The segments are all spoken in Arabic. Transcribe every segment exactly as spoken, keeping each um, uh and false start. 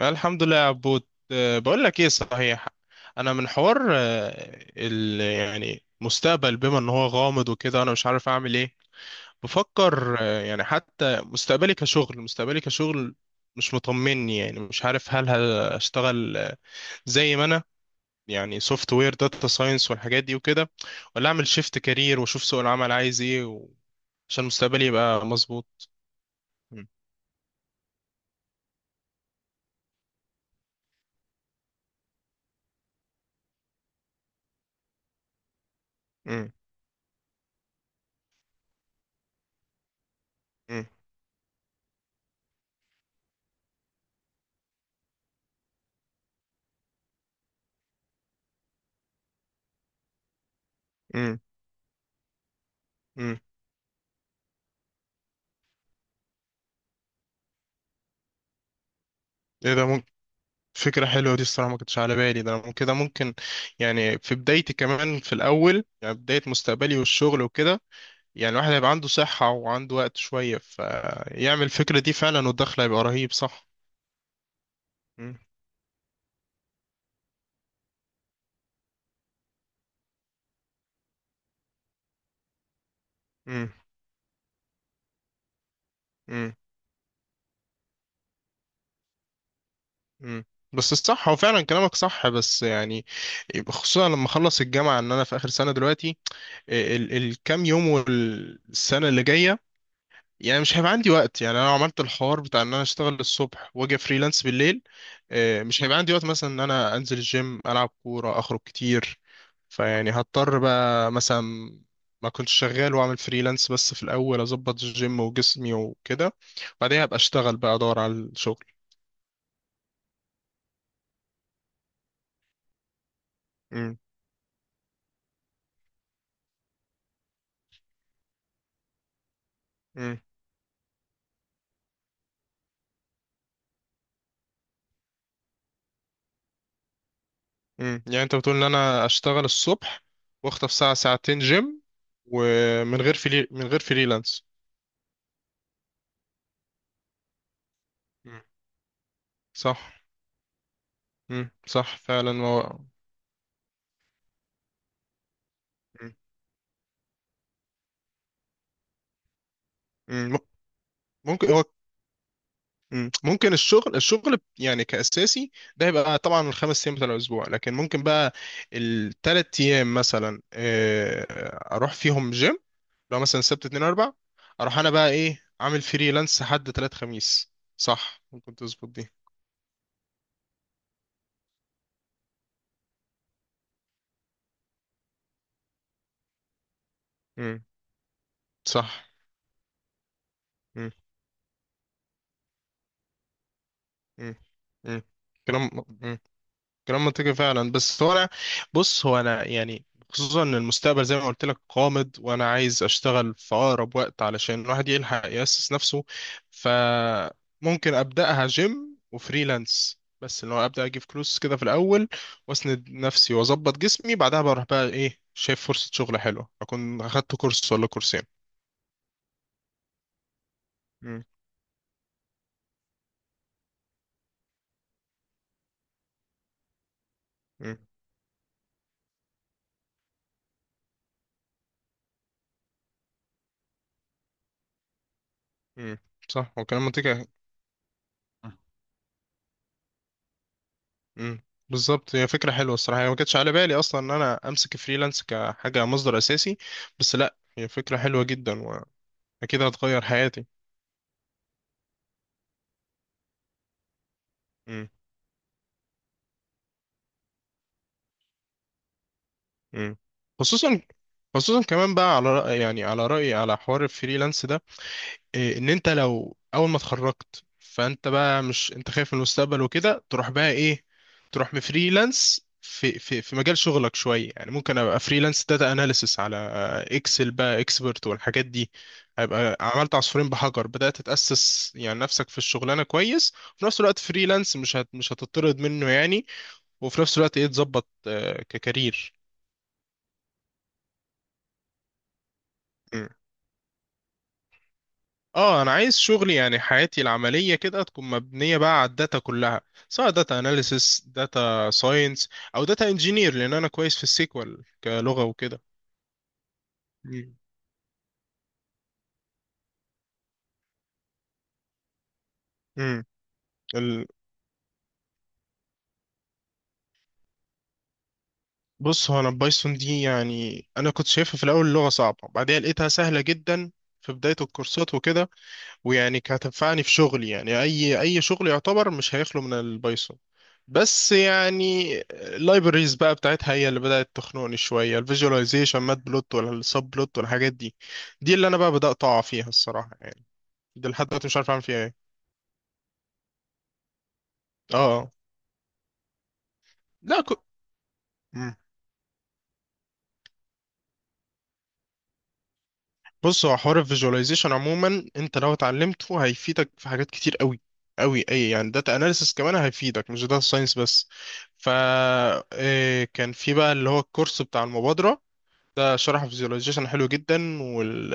الحمد لله يا عبود، أه، بقول لك ايه صحيح. انا من حوار أه، ال يعني مستقبل بما ان هو غامض وكده، انا مش عارف اعمل ايه. بفكر أه، يعني حتى مستقبلي كشغل مستقبلي كشغل. مش مطمني، يعني مش عارف هل هشتغل أه، زي ما انا يعني سوفت وير داتا ساينس والحاجات دي وكده، ولا اعمل شيفت كارير واشوف سوق العمل عايز ايه، و- عشان مستقبلي يبقى مظبوط. م- م- م- م- م. ايه ده. فكرة حلوة دي الصراحة، ما كنتش على بالي ده. أنا كده ممكن، يعني في بدايتي كمان في الأول، يعني بداية مستقبلي والشغل وكده، يعني الواحد هيبقى عنده صحة وعنده وقت شوية، فيعمل الفكرة دي فعلا، والدخل هيبقى رهيب صح؟ مم. مم. مم. مم. بس الصح، هو فعلا كلامك صح، بس يعني خصوصا لما اخلص الجامعة، ان انا في اخر سنة دلوقتي. ال- ال- الكام يوم والسنة اللي جاية، يعني مش هيبقى عندي وقت. يعني انا لو عملت الحوار بتاع ان انا اشتغل الصبح واجي فريلانس بالليل، آه، مش هيبقى عندي وقت مثلا ان انا انزل الجيم، العب كورة، اخرج كتير. فيعني هضطر بقى مثلا ما كنتش شغال، واعمل فريلانس. بس في الاول اظبط الجيم وجسمي وكده، بعدين هبقى اشتغل بقى ادور على الشغل. امم. امم. امم. يعني انت بتقول ان انا اشتغل الصبح واخطف ساعة ساعتين جيم، ومن غير فري... من غير فريلانس. مم. صح. مم. صح فعلا هو. مم. مم. ممكن هو. مم. ممكن الشغل، الشغل يعني كأساسي، ده يبقى طبعا الخمس ايام بتاع الاسبوع، لكن ممكن بقى الثلاث ايام مثلا آه، اروح فيهم جيم. لو مثلا سبت اتنين اربع اروح، انا بقى ايه، عامل فريلانس حد تلات خميس. صح، ممكن تظبط دي. مم. صح. مم. مم. مم. كلام كلام منطقي فعلا. بس هو انا، بص هو انا يعني، خصوصا ان المستقبل زي ما قلت لك قامد، وانا عايز اشتغل في اقرب وقت علشان الواحد يلحق يأسس نفسه. فممكن ابداها جيم وفريلانس، بس اللي هو ابدا اجيب فلوس كده في الاول، واسند نفسي واظبط جسمي. بعدها بروح بقى ايه، شايف فرصة شغل حلوة، اكون اخدت كورس ولا كورسين. مم. مم. مم. صح هو كلام منطقي. امم. بالظبط، هي فكرة حلوة الصراحة. هي ما كانتش على بالي أصلا إن أنا أمسك فريلانس كحاجة مصدر أساسي. بس لأ، هي فكرة حلوة جدا وأكيد هتغير حياتي. امم. امم. خصوصا خصوصا كمان بقى على رأي، يعني على رأيي على حوار الفريلانس ده، إيه، ان انت لو اول ما اتخرجت، فانت بقى مش انت خايف من المستقبل وكده، تروح بقى ايه، تروح بفريلانس في في في مجال شغلك شويه. يعني ممكن ابقى فريلانس داتا اناليسس على اكسل بقى اكسبرت والحاجات دي. هيبقى عملت عصفورين بحجر، بدات تتاسس يعني نفسك في الشغلانه كويس، وفي نفس الوقت فريلانس مش هت مش هتطرد منه يعني. وفي نفس الوقت ايه، تظبط آه، ككارير. اه انا عايز شغلي، يعني حياتي العمليه كده تكون مبنيه بقى على الداتا كلها. سواء داتا اناليسيس، داتا ساينس، او داتا انجينير، لان انا كويس في السيكوال كلغه وكده. مم. مم. ال... بص هو انا البايثون دي، يعني انا كنت شايفها في الاول لغه صعبه، بعدها لقيتها سهله جدا في بدايه الكورسات وكده. ويعني كانت هتنفعني في شغلي. يعني اي اي شغل يعتبر مش هيخلو من البايثون. بس يعني اللايبريز بقى بتاعتها هي اللي بدأت تخنقني شوية، الفيجواليزيشن، مات بلوت ولا السب بلوت والحاجات دي، دي اللي انا بقى بدأت اقع فيها الصراحة يعني. دي لحد دلوقتي مش عارف اعمل فيها ايه. اه. آه. لا. ك... مم. بص، هو حوار الفيجواليزيشن عموما، انت لو اتعلمته هيفيدك في حاجات كتير قوي قوي. اي يعني داتا اناليسس كمان هيفيدك، مش داتا ساينس بس. ف إيه، كان في بقى اللي هو الكورس بتاع المبادرة ده، شرح فيزيواليزيشن حلو جدا. وال...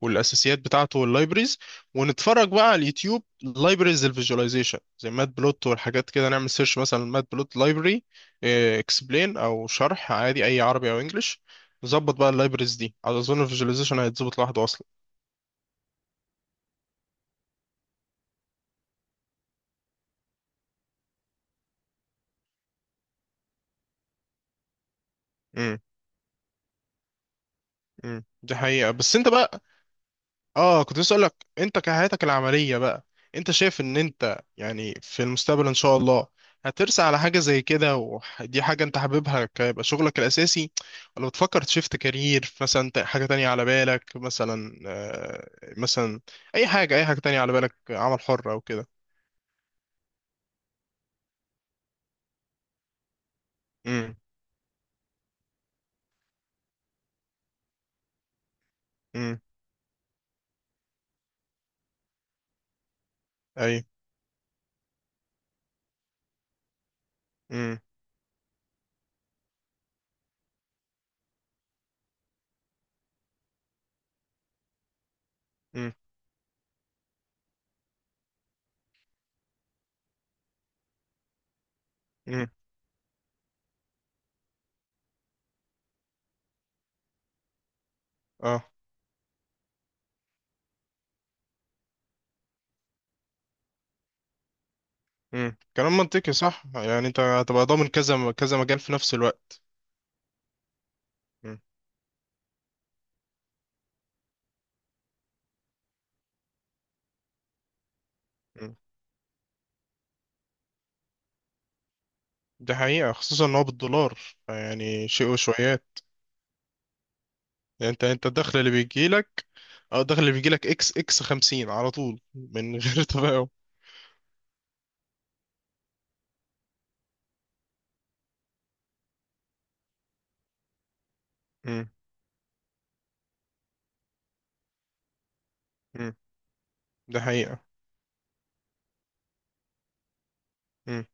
والاساسيات بتاعته واللايبريز. ونتفرج بقى على اليوتيوب لايبريز الفيزيواليزيشن زي مات بلوت والحاجات كده. نعمل سيرش مثلا مات بلوت لايبرري اكسبلين، او شرح عادي اي عربي او انجليش. نظبط بقى اللايبريز دي، على اظن الفيزيواليزيشن هيتظبط لوحده اصلا. امم. امم دي حقيقة، بس انت بقى، اه كنت لسه اقولك، انت كحياتك العمليه بقى، انت شايف ان انت يعني في المستقبل ان شاء الله هترسى على حاجه زي كده، ودي حاجه انت حاببها كيبقى شغلك الاساسي؟ ولا بتفكر تشيفت كارير مثلا، ت- حاجه تانية على بالك مثلا آه، مثلا، اي حاجه اي حاجه تانية على بالك، عمل حر او كده؟ امم. امم. اي. امم. امم. امم. اه. امم كلام منطقي صح. يعني انت هتبقى ضامن كذا كذا مجال في نفس الوقت. امم، امم. دي حقيقة خصوصا ان هو بالدولار، يعني شيء وشويات. يعني انت انت الدخل اللي بيجيلك، او الدخل اللي بيجيلك اكس اكس خمسين على طول من غير تفاهم. امم. امم. ده حقيقة. امم.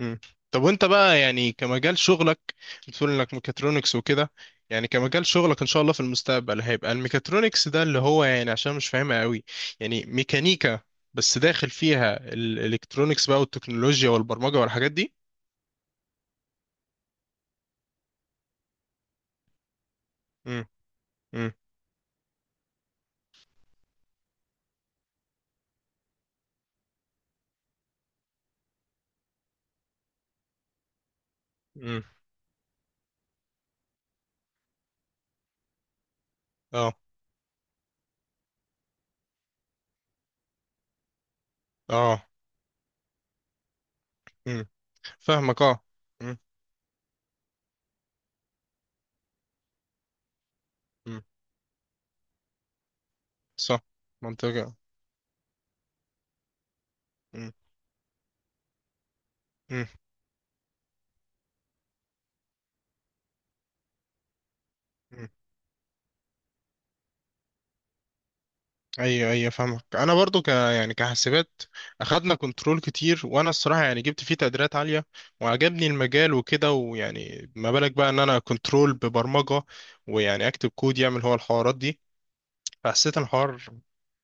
امم. طب وانت بقى يعني كمجال شغلك، بتقول انك ميكاترونكس وكده، يعني كمجال شغلك ان شاء الله في المستقبل هيبقى الميكاترونكس ده؟ اللي هو يعني، عشان مش فاهمها قوي، يعني ميكانيكا بس داخل فيها الالكترونكس بقى والتكنولوجيا والبرمجة والحاجات دي؟ امم. امم. امم. اه. اه فاهمك اه. مم. مم. صح. منطقة. مم. مم. مم. ايوه ايوه فاهمك. انا برضو ك يعني كحاسبات اخدنا كنترول كتير، وانا الصراحه يعني جبت فيه تقديرات عاليه وعجبني المجال وكده. ويعني ما بالك بقى ان انا كنترول ببرمجه، ويعني اكتب كود يعمل هو الحوارات دي. فحسيت الحوار،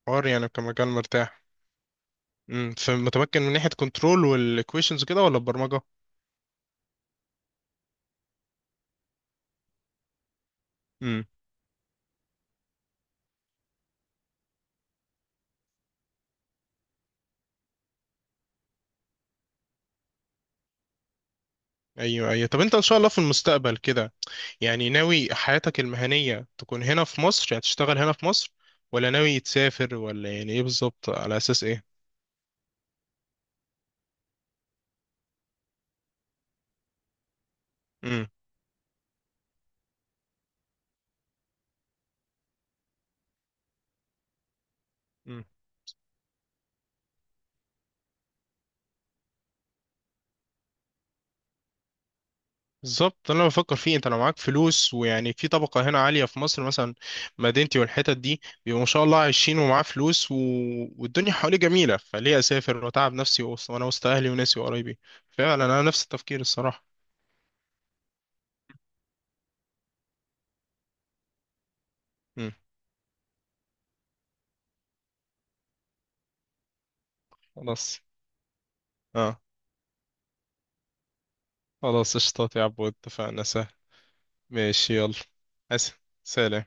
حوار يعني كمجال مرتاح. امم. فمتمكن من ناحيه كنترول والايكويشنز كده، ولا البرمجه؟ ايوه ايوه. طب انت ان شاء الله في المستقبل كده، يعني ناوي حياتك المهنية تكون هنا في مصر، يعني تشتغل هنا في مصر، ولا ناوي تسافر، ولا يعني ايه بالظبط، على اساس ايه؟ امم. أمم. بالظبط، ده اللي انا بفكر فيه. انت لو معاك فلوس ويعني في طبقة هنا عالية في مصر مثلا، مدينتي والحتت دي، بيبقوا ما شاء الله عايشين ومعاه فلوس، و... والدنيا حواليه جميلة، فليه اسافر واتعب نفسي؟ وأص- وانا وسط اهلي وناسي وقرايبي. فعلا انا نفس التفكير الصراحة. امم. خلاص. اه خلاص قشطات يا عبود، اتفقنا سهل. ماشي يلا. اشتركوا في القناة.